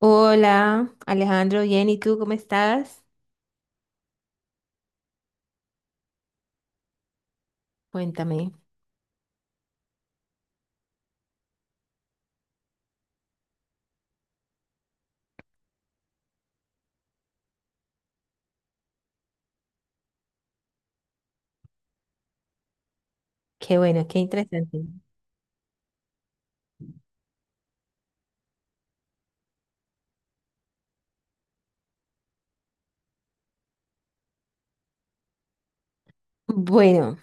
Hola, Alejandro, bien, ¿y tú cómo estás? Cuéntame. Qué bueno, qué interesante. Bueno,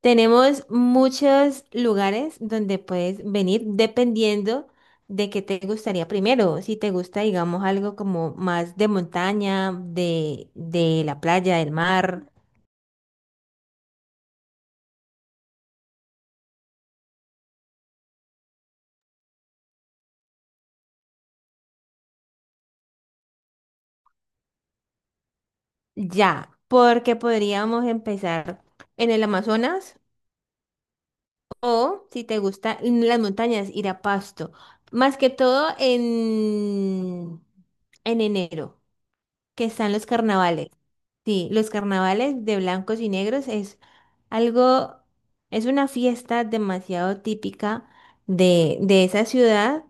tenemos muchos lugares donde puedes venir dependiendo de qué te gustaría primero. Si te gusta, digamos, algo como más de montaña, de la playa, del mar, ya, porque podríamos empezar en el Amazonas. O si te gustan las montañas, ir a Pasto. Más que todo en enero, que están los carnavales. Sí, los carnavales de blancos y negros es algo, es una fiesta demasiado típica de esa ciudad.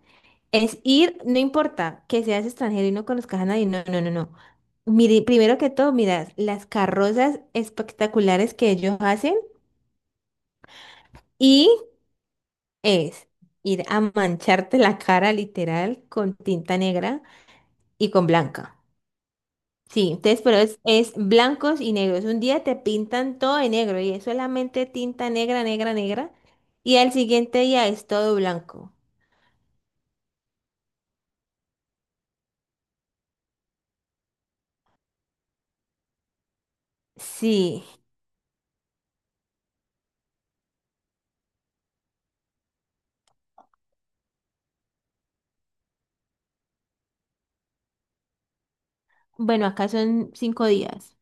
Es ir, no importa que seas extranjero y no conozcas a nadie, no, no, no, no. Mire, primero que todo, mira las carrozas espectaculares que ellos hacen. Y es ir a mancharte la cara literal con tinta negra y con blanca. Sí, entonces, pero es blancos y negros. Un día te pintan todo de negro y es solamente tinta negra, negra, negra. Y al siguiente día es todo blanco. Sí, bueno, acá son 5 días.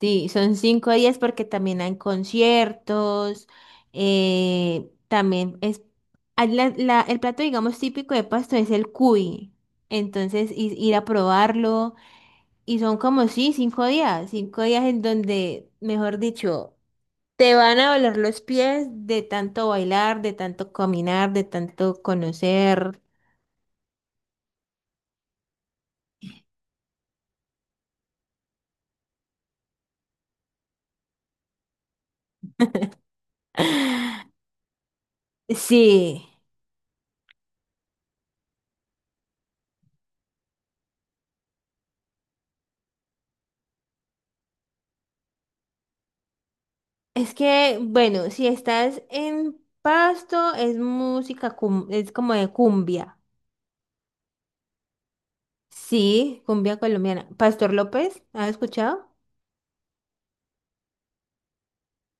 Sí, son 5 días porque también hay conciertos, también es, hay el plato, digamos, típico de Pasto es el cuy, entonces ir a probarlo y son como, sí, 5 días, 5 días en donde, mejor dicho, te van a doler los pies de tanto bailar, de tanto caminar, de tanto conocer. Sí. Es que, bueno, si estás en Pasto, es música, es como de cumbia. Sí, cumbia colombiana. Pastor López, ¿has escuchado?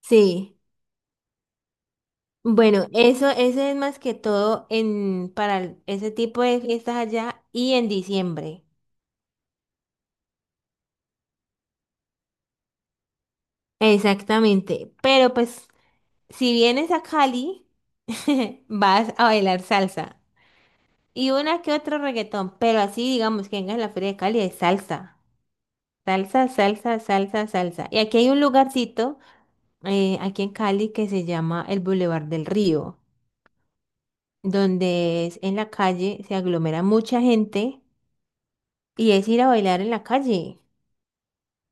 Sí. Bueno, eso es más que todo para ese tipo de fiestas allá y en diciembre. Exactamente. Pero pues, si vienes a Cali, vas a bailar salsa. Y una que otro reggaetón. Pero así, digamos, que vengas a la Feria de Cali es salsa. Salsa, salsa, salsa, salsa. Y aquí hay un lugarcito, aquí en Cali, que se llama el Boulevard del Río, donde es en la calle, se aglomera mucha gente y es ir a bailar en la calle.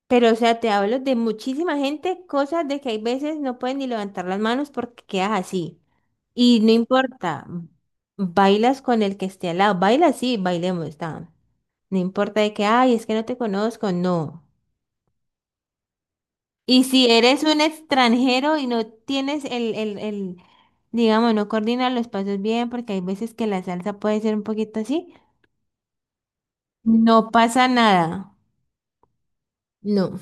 Pero, o sea, te hablo de muchísima gente, cosas de que hay veces no pueden ni levantar las manos porque quedas así. Y no importa, bailas con el que esté al lado. Baila, sí, bailemos, está. No importa de que, ay, es que no te conozco, no. Y si eres un extranjero y no tienes el, digamos, no coordinas los pasos bien, porque hay veces que la salsa puede ser un poquito así, no pasa nada. No.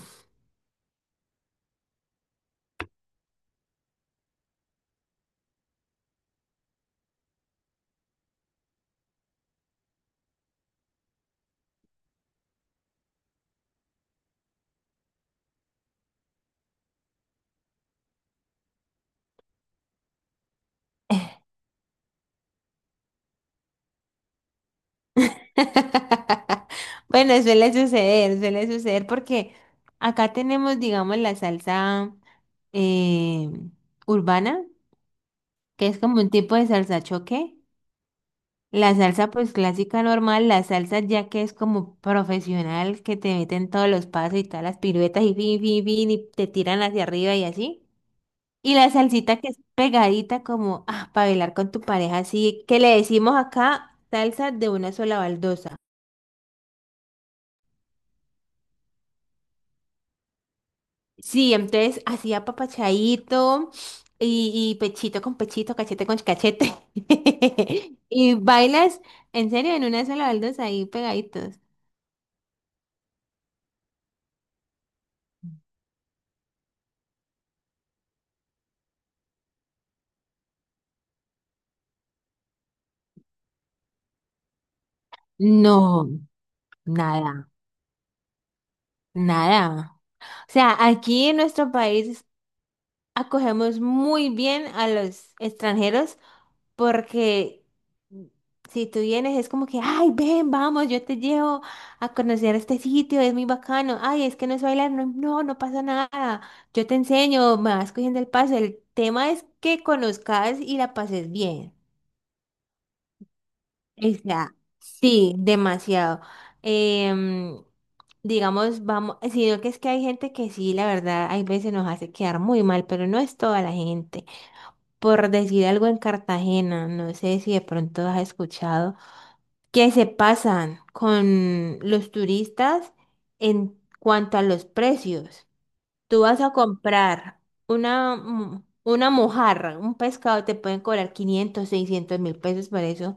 Bueno, suele suceder porque acá tenemos, digamos, la salsa eh, urbana, que es como un tipo de salsa choque. La salsa pues clásica normal, la salsa ya que es como profesional, que te meten todos los pasos y todas las piruetas y fin, fin, fin, y te tiran hacia arriba y así. Y la salsita que es pegadita como ah, para bailar con tu pareja, así que le decimos acá salsa de una sola baldosa. Sí, entonces así apapachadito y pechito con pechito, cachete con cachete. Y bailas en serio en una sola baldosa ahí pegaditos. No, nada. Nada. O sea, aquí en nuestro país acogemos muy bien a los extranjeros porque si tú vienes es como que, ay, ven, vamos, yo te llevo a conocer este sitio, es muy bacano. Ay, es que no es bailar, no, no, no pasa nada. Yo te enseño, me vas cogiendo el paso. El tema es que conozcas y la pases bien. Esa, sí, demasiado. Em, digamos, vamos, sino que es que hay gente que sí, la verdad, hay veces nos hace quedar muy mal, pero no es toda la gente. Por decir algo en Cartagena, no sé si de pronto has escuchado, que se pasan con los turistas en cuanto a los precios. Tú vas a comprar una mojarra, un pescado, te pueden cobrar 500 600 mil pesos por eso.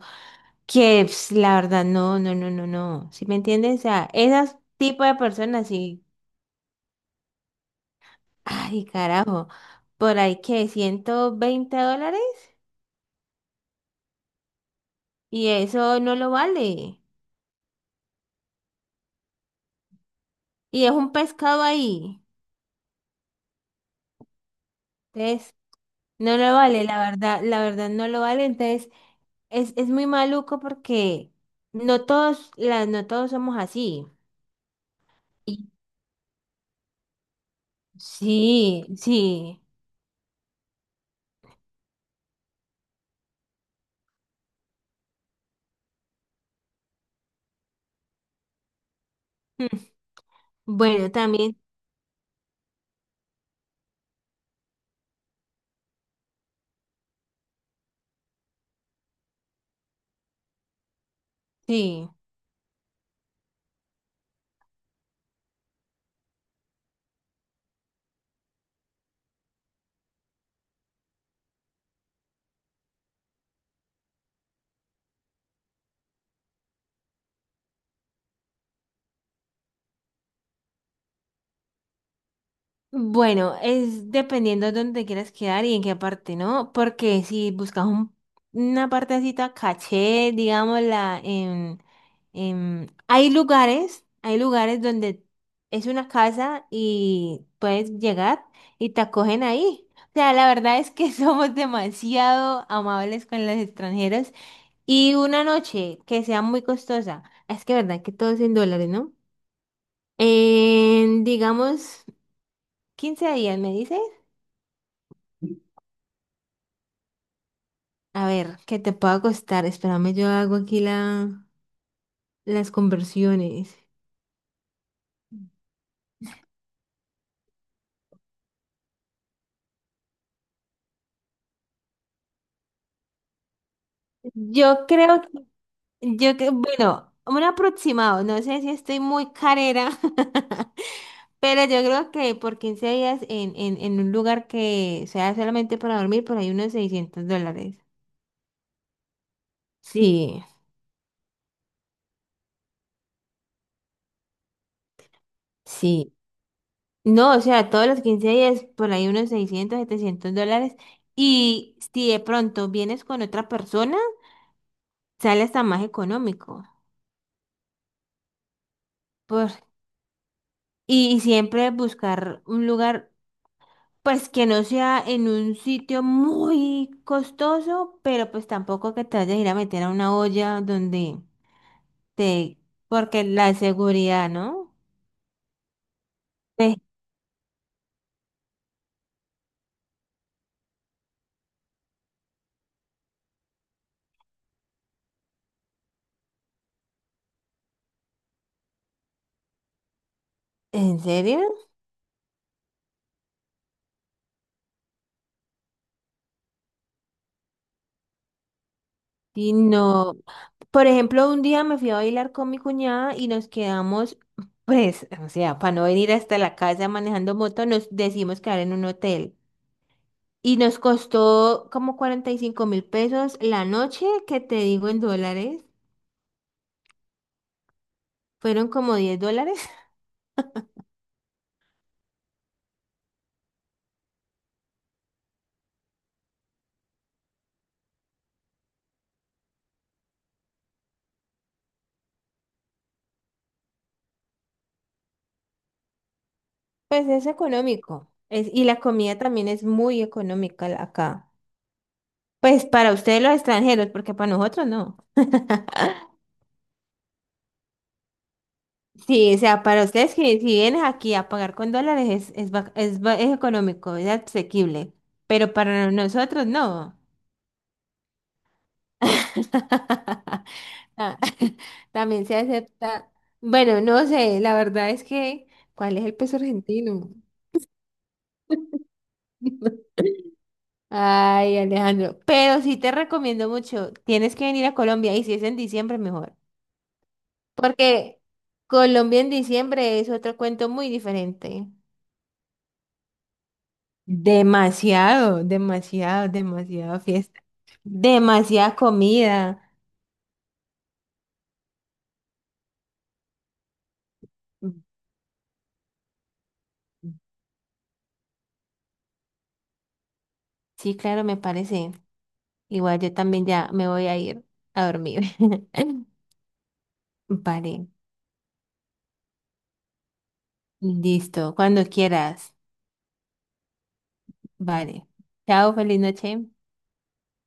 Que ps, la verdad, no, no, no, no, no. ¿Sí me entiendes? O sea, esas tipo de personas, sí. Ay, carajo. Por ahí que $120 y eso no lo vale. Y es un pescado ahí. Entonces, no lo vale, la verdad no lo vale. Entonces, es muy maluco porque no todos, la, no todos somos así. Y sí, sí. Mm. Bueno, también, sí. Bueno, es dependiendo de dónde te quieras quedar y en qué parte, ¿no? Porque si buscas una partecita caché, digámosla, hay lugares donde es una casa y puedes llegar y te acogen ahí. O sea, la verdad es que somos demasiado amables con los extranjeros y una noche que sea muy costosa, es que verdad que todo es en dólares, ¿no? En, digamos, 15 días, ¿me dices? A ver, ¿qué te puedo costar? Espérame, yo hago aquí las conversiones. Yo creo, que- yo que, bueno, un aproximado, no sé si estoy muy carera, pero yo creo que por 15 días en un lugar que sea solamente para dormir, por ahí unos $600. Sí, sí. No, o sea, todos los 15 días, por ahí unos 600, 700 dólares. Y si de pronto vienes con otra persona, sale hasta más económico. Y siempre buscar un lugar, pues que no sea en un sitio muy costoso, pero pues tampoco que te vayas a ir a meter a una olla donde te... Porque la seguridad, ¿no? Ve, ¿en serio? Sí, no. Por ejemplo, un día me fui a bailar con mi cuñada y nos quedamos, pues, o sea, para no venir hasta la casa manejando moto, nos decidimos quedar en un hotel. Y nos costó como 45.000 pesos la noche, que te digo en dólares. Fueron como $10. Pues es económico. Es, y la comida también es muy económica acá. Pues para ustedes los extranjeros, porque para nosotros no. Sí, o sea, para ustedes que si vienes aquí a pagar con dólares es económico, es asequible. Pero para nosotros no. Ah, también se acepta. Bueno, no sé, la verdad es que, ¿cuál es el peso argentino? Ay, Alejandro, pero sí te recomiendo mucho, tienes que venir a Colombia y si es en diciembre mejor, porque Colombia en diciembre es otro cuento muy diferente. Demasiado, demasiado, demasiado fiesta, demasiada comida. Sí, claro, me parece. Igual yo también ya me voy a ir a dormir. Vale, listo, cuando quieras. Vale. Chao, feliz noche.